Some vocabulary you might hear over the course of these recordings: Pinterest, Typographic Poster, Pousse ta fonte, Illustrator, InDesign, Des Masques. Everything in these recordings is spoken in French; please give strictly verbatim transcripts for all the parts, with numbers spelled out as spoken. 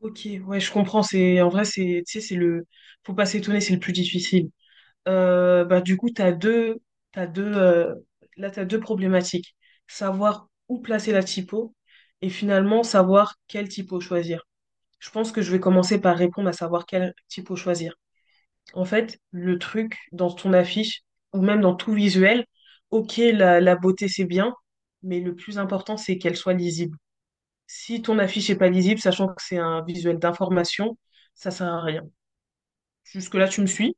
Ok, ouais, je comprends. C'est en vrai, c'est, tu sais, c'est le, faut pas s'étonner, c'est le plus difficile. Euh, bah du coup, t'as deux, t'as deux, euh, là t'as deux problématiques. Savoir où placer la typo et finalement savoir quelle typo choisir. Je pense que je vais commencer par répondre à savoir quelle typo choisir. En fait, le truc dans ton affiche ou même dans tout visuel, ok, la, la beauté c'est bien, mais le plus important c'est qu'elle soit lisible. Si ton affiche est pas lisible, sachant que c'est un visuel d'information, ça sert à rien. Jusque-là, tu me suis?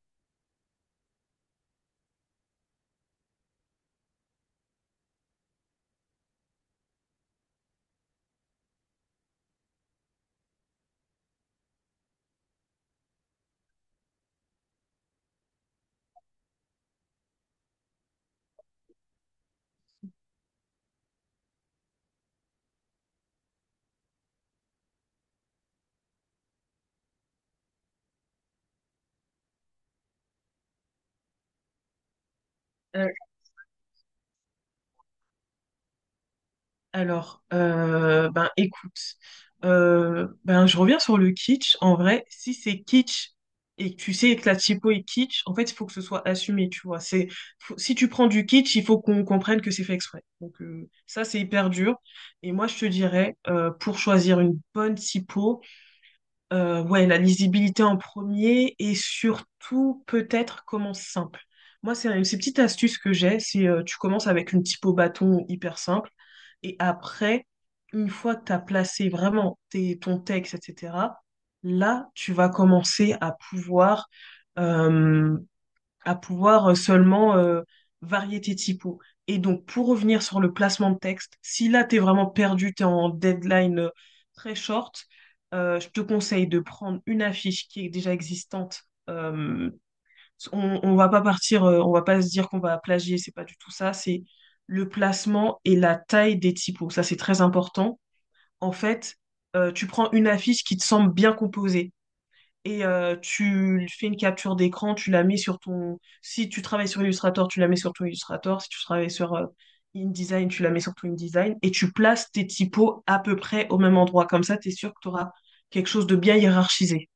Euh, alors, euh, ben écoute, euh, ben je reviens sur le kitsch. En vrai, si c'est kitsch et que tu sais que la typo est kitsch, en fait, il faut que ce soit assumé, tu vois. C'est, faut- si tu prends du kitsch, il faut qu'on comprenne que c'est fait exprès. Donc euh, ça, c'est hyper dur. Et moi, je te dirais, euh, pour choisir une bonne typo, Euh, ouais, la lisibilité en premier et surtout peut-être commence simple. Moi, c'est une, ces petites astuces que j'ai, c'est euh, tu commences avec une typo bâton hyper simple et après, une fois que tu as placé vraiment tes, ton texte, et cætera, là, tu vas commencer à pouvoir euh, à pouvoir euh, seulement euh, varier tes typos. Et donc, pour revenir sur le placement de texte, si là, tu es vraiment perdu, tu es en deadline euh, très short. Euh, je te conseille de prendre une affiche qui est déjà existante. Euh, on, on va pas partir, euh, on va pas se dire qu'on va plagier, c'est pas du tout ça. C'est le placement et la taille des typos. Ça, c'est très important. En fait, euh, Tu prends une affiche qui te semble bien composée et euh, tu fais une capture d'écran, tu la mets sur ton... Si tu travailles sur Illustrator, tu la mets sur ton Illustrator. Si tu travailles sur euh, InDesign, tu la mets sur ton InDesign. Et tu places tes typos à peu près au même endroit. Comme ça, tu es sûr que tu auras quelque chose de bien hiérarchisé.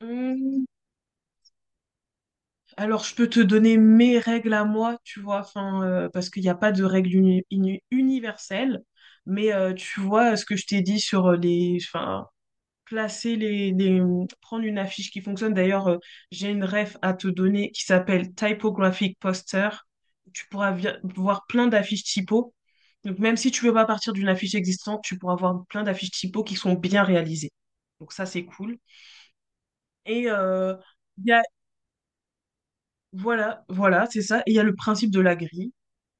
Hum, Alors, je peux te donner mes règles à moi, tu vois, enfin, euh, parce qu'il n'y a pas de règles uni- uni- universelles. Mais euh, tu vois ce que je t'ai dit sur euh, les, enfin, placer les, les- prendre une affiche qui fonctionne. D'ailleurs, euh, j'ai une ref à te donner qui s'appelle Typographic Poster. Tu pourras vi- voir plein d'affiches typo. Donc, même si tu veux pas partir d'une affiche existante, tu pourras voir plein d'affiches typo qui sont bien réalisées. Donc, ça, c'est cool. Et euh, il y a, voilà, voilà, c'est ça. Et il y a le principe de la grille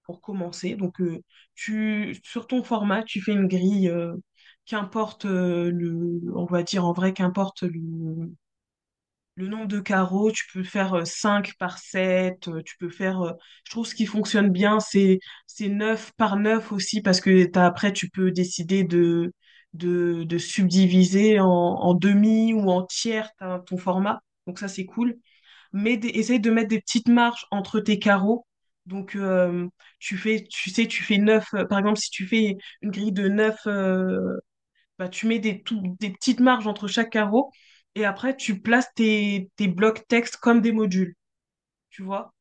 pour commencer. Donc, euh, tu, sur ton format, tu fais une grille, euh, qu'importe euh, le, on va dire en vrai, qu'importe le, le nombre de carreaux, tu peux faire cinq par sept tu peux faire... euh, je trouve ce qui fonctionne bien, c'est c'est neuf par neuf aussi, parce que t'as- après, tu peux décider de, de, de subdiviser en, en demi ou en tiers ta- ton format. Donc ça, c'est cool. Mais des- essaye de mettre des petites marges entre tes carreaux. Donc euh, Tu fais, tu sais, tu fais neuf, par exemple, si tu fais une grille de neuf bah, tu mets des, tout- des petites marges entre chaque carreau et après tu places tes, tes blocs texte comme des modules. Tu vois?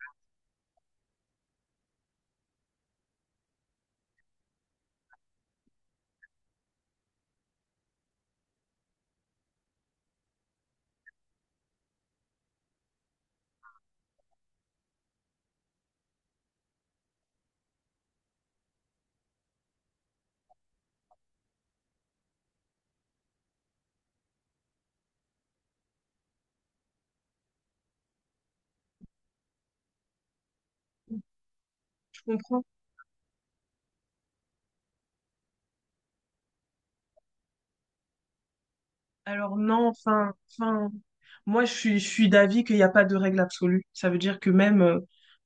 Tu comprends? Alors non, enfin, enfin, moi je suis, je suis d'avis qu'il n'y a pas de règle absolue. Ça veut dire que même, euh,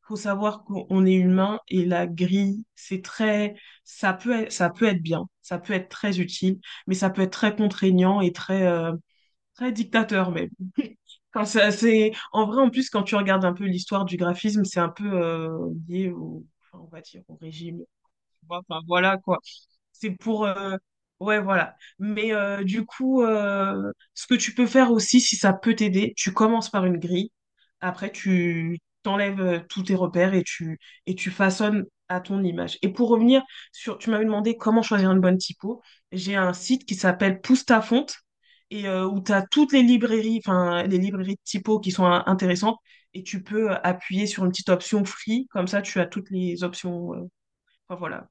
faut savoir qu'on est humain et la grille, c'est très, ça peut être, ça peut être bien, ça peut être très utile, mais ça peut être très contraignant et très, euh, très dictateur même. Quand ça, c'est... En vrai, en plus, quand tu regardes un peu l'histoire du graphisme, c'est un peu euh, lié au, enfin, on va dire, au régime. Tu vois. Enfin, voilà, quoi. C'est pour... euh, Ouais, voilà. Mais euh, du coup, euh, ce que tu peux faire aussi, si ça peut t'aider, tu commences par une grille. Après, tu t'enlèves euh, tous tes repères et tu, et tu façonnes à ton image. Et pour revenir sur... Tu m'avais demandé comment choisir une bonne typo. J'ai un site qui s'appelle Pousse ta fonte et euh, où tu as toutes les librairies, enfin, les librairies de typo qui sont euh, intéressantes. Et tu peux euh, appuyer sur une petite option free. Comme ça, tu as toutes les options. euh, Enfin, voilà.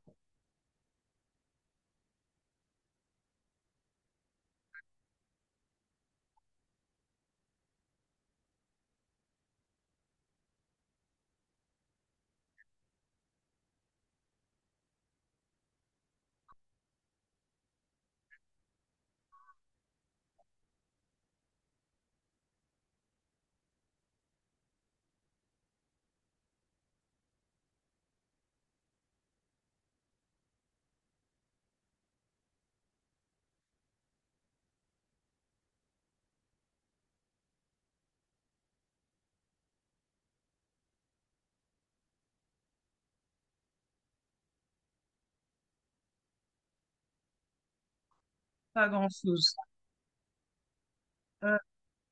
Pas grand-chose.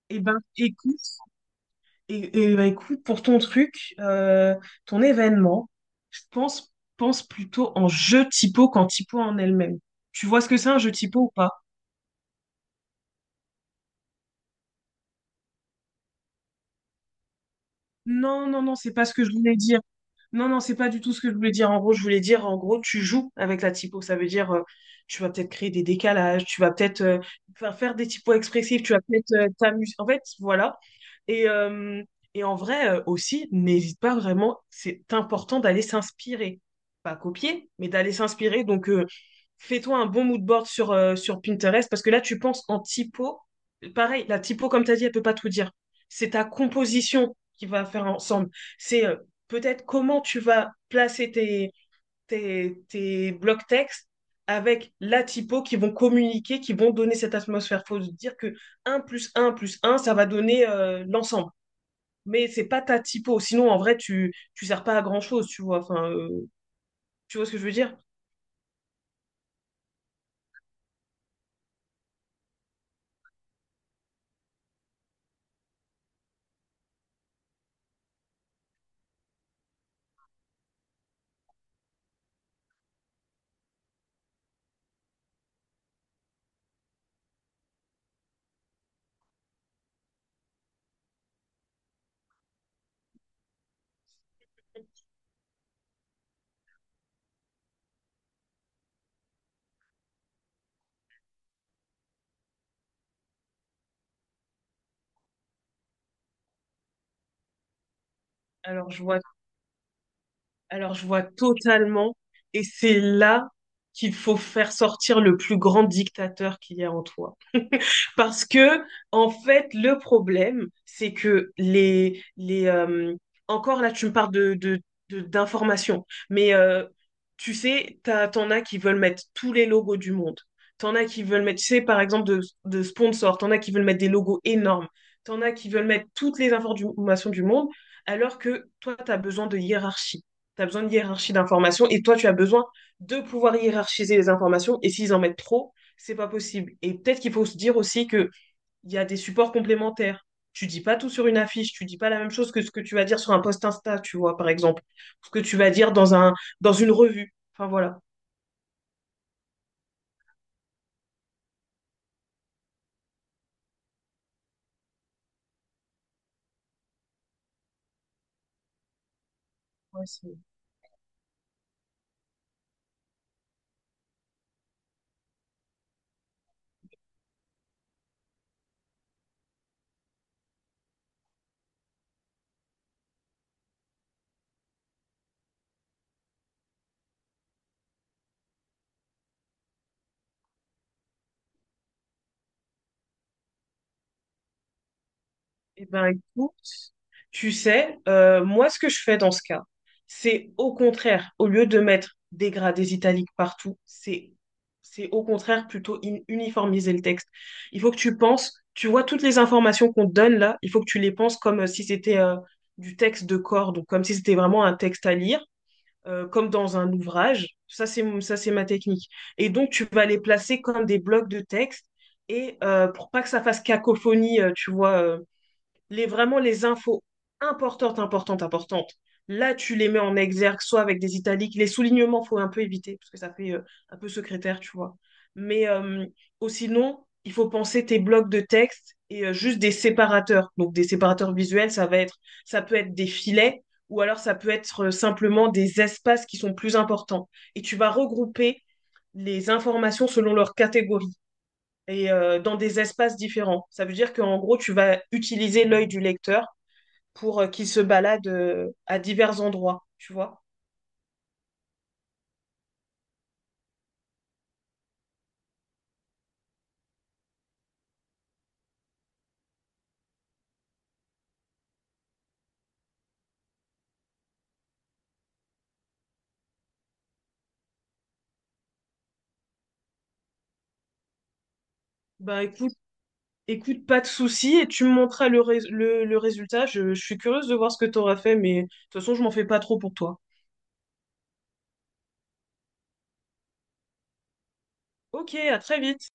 Eh ben, écoute, et, et ben, écoute, pour ton truc, euh, ton événement, je pense, pense plutôt en jeu typo qu'en typo en elle-même. Tu vois ce que c'est un jeu typo ou pas? Non, non, non, c'est pas ce que je voulais dire. Non, non, c'est pas du tout ce que je voulais dire. En gros, je voulais dire, en gros, tu joues avec la typo. Ça veut dire, euh, tu vas peut-être créer des décalages, tu vas peut-être euh, faire faire des typos expressifs, tu vas peut-être euh, t'amuser. En fait, voilà. Et, euh, et en vrai euh, aussi, n'hésite pas vraiment, c'est important d'aller s'inspirer. Pas copier, mais d'aller s'inspirer. Donc, euh, fais-toi un bon mood board sur, euh, sur Pinterest parce que là, tu penses en typo. Pareil, la typo, comme tu as dit, elle peut pas tout dire. C'est ta composition qui va faire ensemble. C'est euh, Peut-être comment tu vas placer tes, tes, tes blocs textes avec la typo qui vont communiquer, qui vont donner cette atmosphère. Il faut dire que un plus un plus un ça va donner euh, l'ensemble. Mais c'est pas ta typo. Sinon, en vrai, tu tu sers pas à grand-chose, tu vois. Enfin, euh, tu vois ce que je veux dire? Alors, je vois, alors, je vois totalement. Et c'est là qu'il faut faire sortir le plus grand dictateur qu'il y a en toi. Parce que, en fait, le problème, c'est que les, les, euh, encore là, tu me parles de, de, de- d'informations, mais euh, tu sais, t'as, t'en as qui veulent mettre tous les logos du monde. T'en as qui veulent mettre, tu sais, par exemple, de, de sponsors. T'en as qui veulent mettre des logos énormes. T'en as qui veulent mettre toutes les informations du monde, alors que toi, t'as besoin de hiérarchie. T'as besoin de hiérarchie d'informations et toi, tu as besoin de pouvoir hiérarchiser les informations. Et s'ils en mettent trop, c'est pas possible. Et peut-être qu'il faut se dire aussi qu'il y a des supports complémentaires. Tu dis pas tout sur une affiche, tu dis pas la même chose que ce que tu vas dire sur un post Insta, tu vois, par exemple, ce que tu vas dire dans un dans une revue. Enfin voilà. Ouais, c'est- Eh ben, écoute, tu sais, euh, moi, ce que je fais dans ce cas, c'est au contraire, au lieu de mettre des gradés italiques partout, c'est c'est au contraire plutôt in- uniformiser le texte. Il faut que tu penses, tu vois, toutes les informations qu'on te donne là, il faut que tu les penses comme euh, si c'était euh, du texte de corps, donc comme si c'était vraiment un texte à lire, euh, comme dans un ouvrage. Ça, c'est mon- ça, c'est ma technique. Et donc, tu vas les placer comme des blocs de texte. Et euh, pour pas que ça fasse cacophonie, euh, tu vois, euh, les, vraiment les infos importantes, importantes, importantes. Là, tu les mets en exergue, soit avec des italiques. Les soulignements, il faut un peu éviter, parce que ça fait euh, un peu secrétaire, tu vois. Mais euh, ou sinon, il faut penser tes blocs de texte et euh, juste des séparateurs. Donc, des séparateurs visuels, ça va être, ça peut être des filets, ou alors ça peut être euh, simplement des espaces qui sont plus importants. Et tu vas regrouper les informations selon leur catégorie et euh, dans des espaces différents. Ça veut dire qu'en gros, tu vas utiliser l'œil du lecteur pour euh, qu'ils se baladent euh, à divers endroits, tu vois. Ben écoute, écoute, pas de souci et tu me montreras le, rés- le, le résultat. Je, je suis curieuse de voir ce que tu auras fait, mais de toute façon, je m'en fais pas trop pour toi. Ok, à très vite.